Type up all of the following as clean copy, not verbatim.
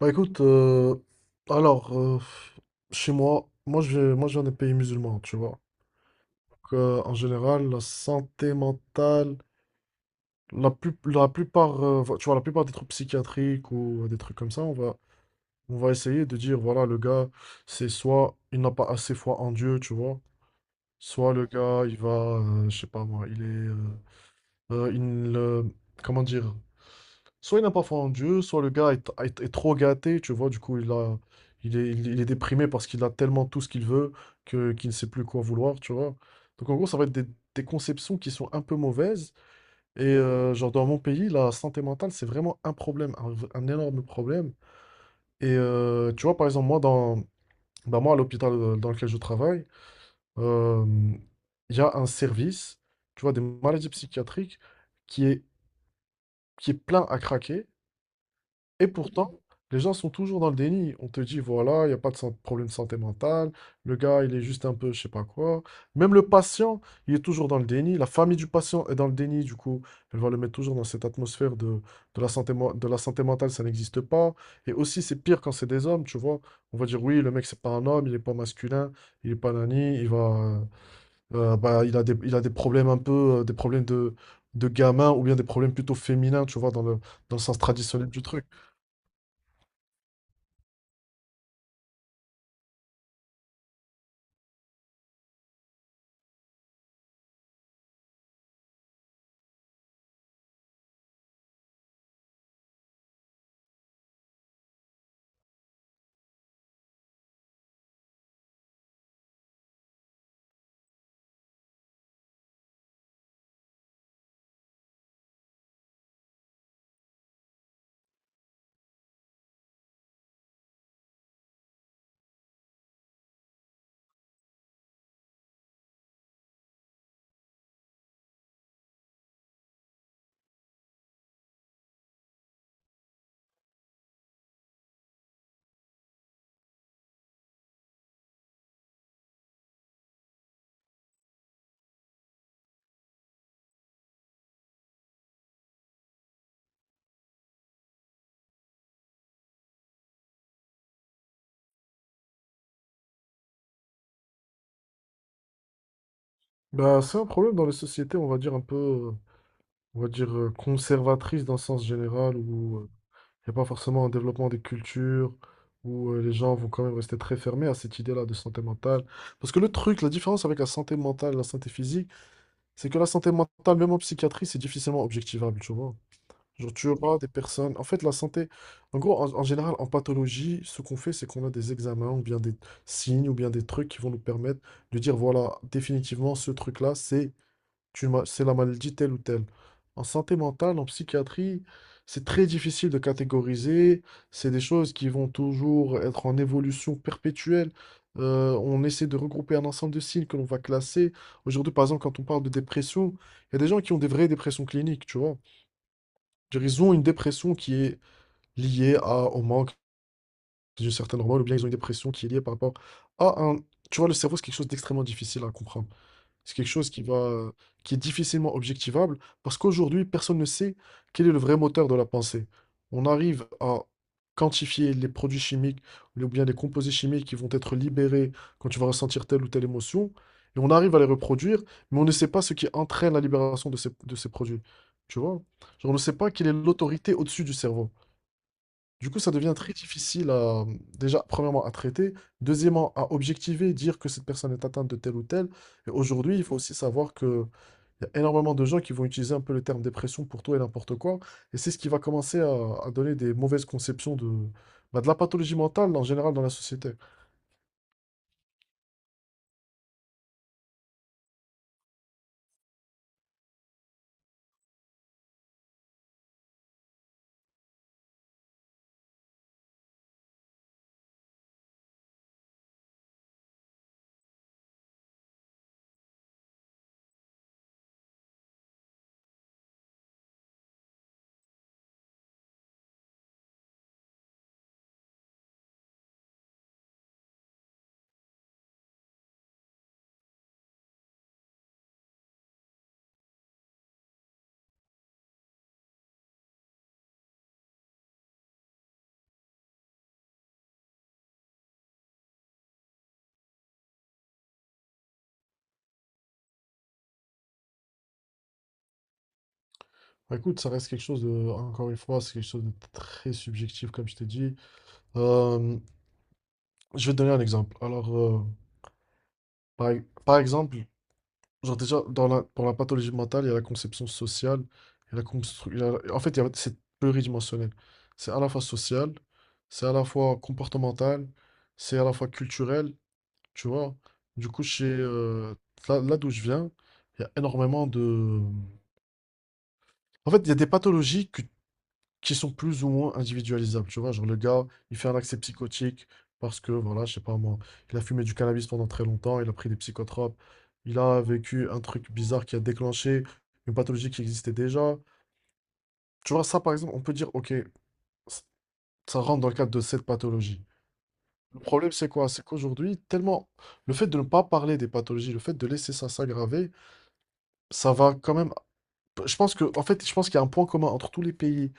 Bah écoute, alors, chez moi, moi je viens des pays musulmans, tu vois. Donc, en général, la santé mentale, la plupart, tu vois, la plupart des troubles psychiatriques ou des trucs comme ça, on va essayer de dire, voilà, le gars, c'est soit il n'a pas assez foi en Dieu, tu vois, soit le gars, il va, je sais pas moi, euh, il, euh, comment dire, soit il n'a pas foi en Dieu, soit le gars est, est trop gâté, tu vois, du coup, il est déprimé parce qu'il a tellement tout ce qu'il veut qu'il ne sait plus quoi vouloir, tu vois. Donc, en gros, ça va être des, conceptions qui sont un peu mauvaises. Et genre, dans mon pays, la santé mentale, c'est vraiment un problème, un énorme problème. Et tu vois, par exemple, moi, bah, moi à l'hôpital dans lequel je travaille, euh, il y a un service, tu vois, des maladies psychiatriques qui est, qui est plein à craquer. Et pourtant, les gens sont toujours dans le déni. On te dit, voilà, il n'y a pas de problème de santé mentale, le gars, il est juste un peu, je sais pas quoi. Même le patient, il est toujours dans le déni. La famille du patient est dans le déni, du coup, elle va le mettre toujours dans cette atmosphère de, la de la santé mentale, ça n'existe pas. Et aussi, c'est pire quand c'est des hommes, tu vois. On va dire, oui, le mec, c'est pas un homme, il est pas masculin, il est pas nani, bah, il a des problèmes un peu, des problèmes de, gamin ou bien des problèmes plutôt féminins, tu vois, dans le sens traditionnel du truc. Bah, c'est un problème dans les sociétés, on va dire conservatrices dans le sens général, où il n'y a pas forcément un développement des cultures, où les gens vont quand même rester très fermés à cette idée-là de santé mentale. Parce que le truc, la différence avec la santé mentale et la santé physique, c'est que la santé mentale, même en psychiatrie, c'est difficilement objectivable, tu vois. Genre, tu auras des personnes. En fait, la santé, en gros, en général, en pathologie, ce qu'on fait, c'est qu'on a des examens ou bien des signes ou bien des trucs qui vont nous permettre de dire, voilà, définitivement, ce truc-là, c'est la maladie telle ou telle. En santé mentale, en psychiatrie, c'est très difficile de catégoriser. C'est des choses qui vont toujours être en évolution perpétuelle. On essaie de regrouper un ensemble de signes que l'on va classer. Aujourd'hui, par exemple, quand on parle de dépression, il y a des gens qui ont des vraies dépressions cliniques, tu vois. Je veux dire, ils ont une dépression qui est liée au manque d'une certaine hormone, ou bien ils ont une dépression qui est liée par rapport à un... Tu vois, le cerveau, c'est quelque chose d'extrêmement difficile à comprendre. C'est quelque chose qui est difficilement objectivable parce qu'aujourd'hui, personne ne sait quel est le vrai moteur de la pensée. On arrive à quantifier les produits chimiques ou bien les composés chimiques qui vont être libérés quand tu vas ressentir telle ou telle émotion et on arrive à les reproduire, mais on ne sait pas ce qui entraîne la libération de ces produits. Tu vois? Genre, on ne sait pas quelle est l'autorité au-dessus du cerveau. Du coup, ça devient très difficile déjà, premièrement, à traiter, deuxièmement, à objectiver, dire que cette personne est atteinte de tel ou tel. Et aujourd'hui, il faut aussi savoir qu'il y a énormément de gens qui vont utiliser un peu le terme dépression pour tout et n'importe quoi. Et c'est ce qui va commencer à, donner des mauvaises conceptions de, bah, de la pathologie mentale en général dans la société. Bah, écoute, ça reste quelque chose encore une fois, c'est quelque chose de très subjectif, comme je t'ai dit. Euh, Je vais te donner un exemple. Alors, par, par exemple, genre déjà, pour la pathologie mentale, il y a la conception sociale, il y a la constru- il y a- en fait, c'est pluridimensionnel. C'est à la fois social, c'est à la fois comportemental, c'est à la fois culturel, tu vois. Du coup, là, d'où je viens, il y a énormément de... En fait, il y a des pathologies que qui sont plus ou moins individualisables, tu vois. Genre, le gars, il fait un accès psychotique parce que, voilà, je sais pas moi, il a fumé du cannabis pendant très longtemps, il a pris des psychotropes, il a vécu un truc bizarre qui a déclenché une pathologie qui existait déjà. Tu vois, ça, par exemple, on peut dire, ok, ça rentre dans le cadre de cette pathologie. Le problème, c'est quoi? C'est qu'aujourd'hui, tellement le fait de ne pas parler des pathologies, le fait de laisser ça s'aggraver, ça va quand même en fait, je pense qu'il y a un point commun entre tous les pays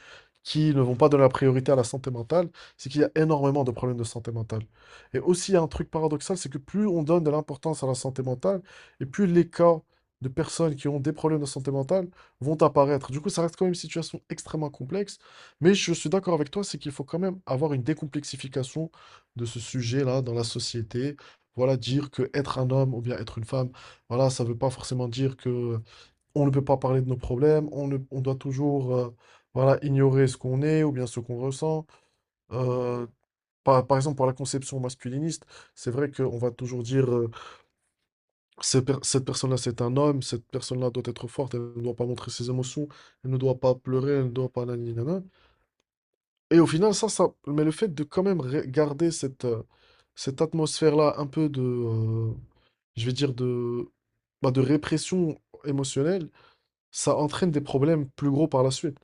qui ne vont pas donner la priorité à la santé mentale, c'est qu'il y a énormément de problèmes de santé mentale. Et aussi, il y a un truc paradoxal, c'est que plus on donne de l'importance à la santé mentale, et plus les cas de personnes qui ont des problèmes de santé mentale vont apparaître. Du coup, ça reste quand même une situation extrêmement complexe, mais je suis d'accord avec toi, c'est qu'il faut quand même avoir une décomplexification de ce sujet-là dans la société. Voilà, dire que être un homme ou bien être une femme, voilà, ça ne veut pas forcément dire que on ne peut pas parler de nos problèmes, on ne- on doit toujours voilà, ignorer ce qu'on est ou bien ce qu'on ressent. Euh, par exemple, pour la conception masculiniste, c'est vrai qu'on va toujours dire cette personne-là, c'est un homme, cette personne-là doit être forte, elle ne doit pas montrer ses émotions, elle ne doit pas pleurer, elle ne doit pas... nanani, nanana. Et au final, ça... Mais le fait de quand même garder cette atmosphère-là un peu de... je vais dire de... bah, de répression émotionnelle, ça entraîne des problèmes plus gros par la suite.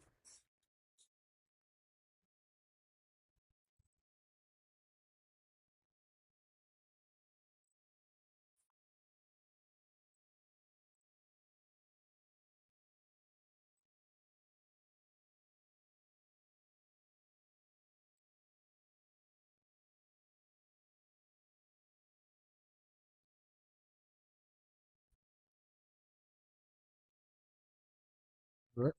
Ouais.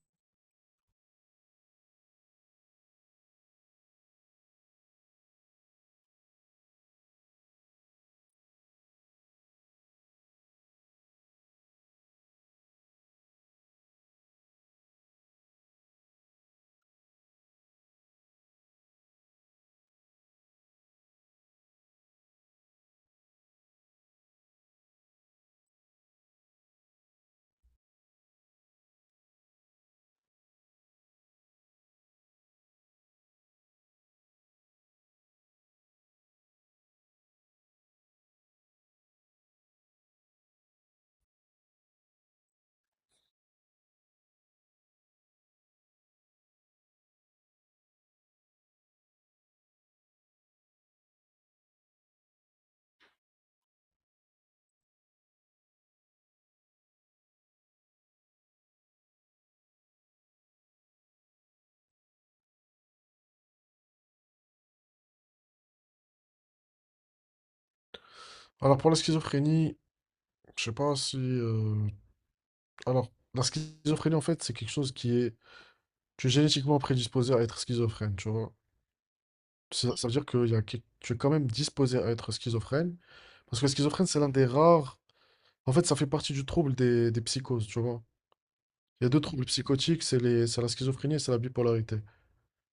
Alors pour la schizophrénie, je sais pas si... Alors, la schizophrénie, en fait, c'est quelque chose qui est... Tu es génétiquement prédisposé à être schizophrène, tu vois. Ça veut dire que y a... tu es quand même disposé à être schizophrène. Parce que la schizophrène, c'est l'un des rares... En fait, ça fait partie du trouble des, psychoses, tu vois. Il y a deux troubles psychotiques, c'est la schizophrénie et c'est la bipolarité.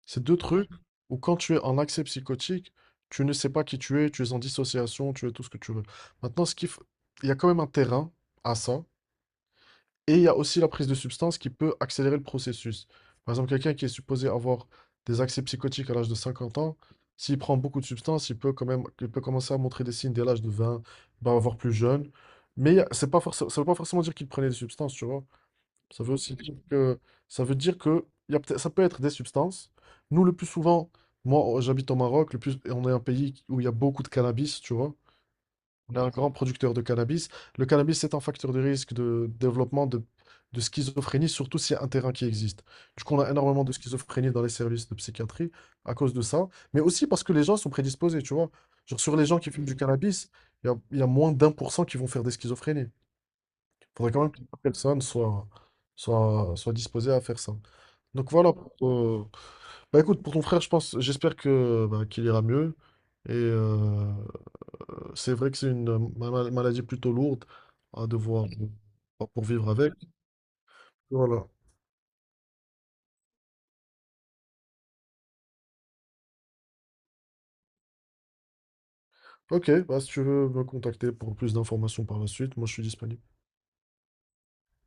C'est deux trucs où quand tu es en accès psychotique, tu ne sais pas qui tu es en dissociation, tu es tout ce que tu veux. Maintenant, il y a quand même un terrain à ça. Et il y a aussi la prise de substances qui peut accélérer le processus. Par exemple, quelqu'un qui est supposé avoir des accès psychotiques à l'âge de 50 ans, s'il prend beaucoup de substances, il peut commencer à montrer des signes dès l'âge de 20, bah, voire plus jeune. Mais c'est pas forcément, ça veut pas forcément dire qu'il prenait des substances, tu vois. Ça veut aussi dire que, Ça veut dire que il y a ça peut être des substances. Nous, le plus souvent, moi, j'habite au Maroc, le plus, et on est un pays où il y a beaucoup de cannabis, tu vois. On est un grand producteur de cannabis. Le cannabis, est un facteur de risque de développement de, schizophrénie, surtout s'il y a un terrain qui existe. Du coup, on a énormément de schizophrénie dans les services de psychiatrie à cause de ça, mais aussi parce que les gens sont prédisposés, tu vois. Genre, sur les gens qui fument du cannabis, il y a moins d'1% qui vont faire des schizophrénies. Il faudrait quand même que les personnes soient, soient disposées à faire ça. Donc voilà. Bah écoute, pour ton frère, j'espère que bah, qu'il ira mieux. Et, c'est vrai que c'est une maladie plutôt lourde à devoir pour vivre avec. Voilà. Ok, bah, si tu veux me contacter pour plus d'informations par la suite, moi je suis disponible.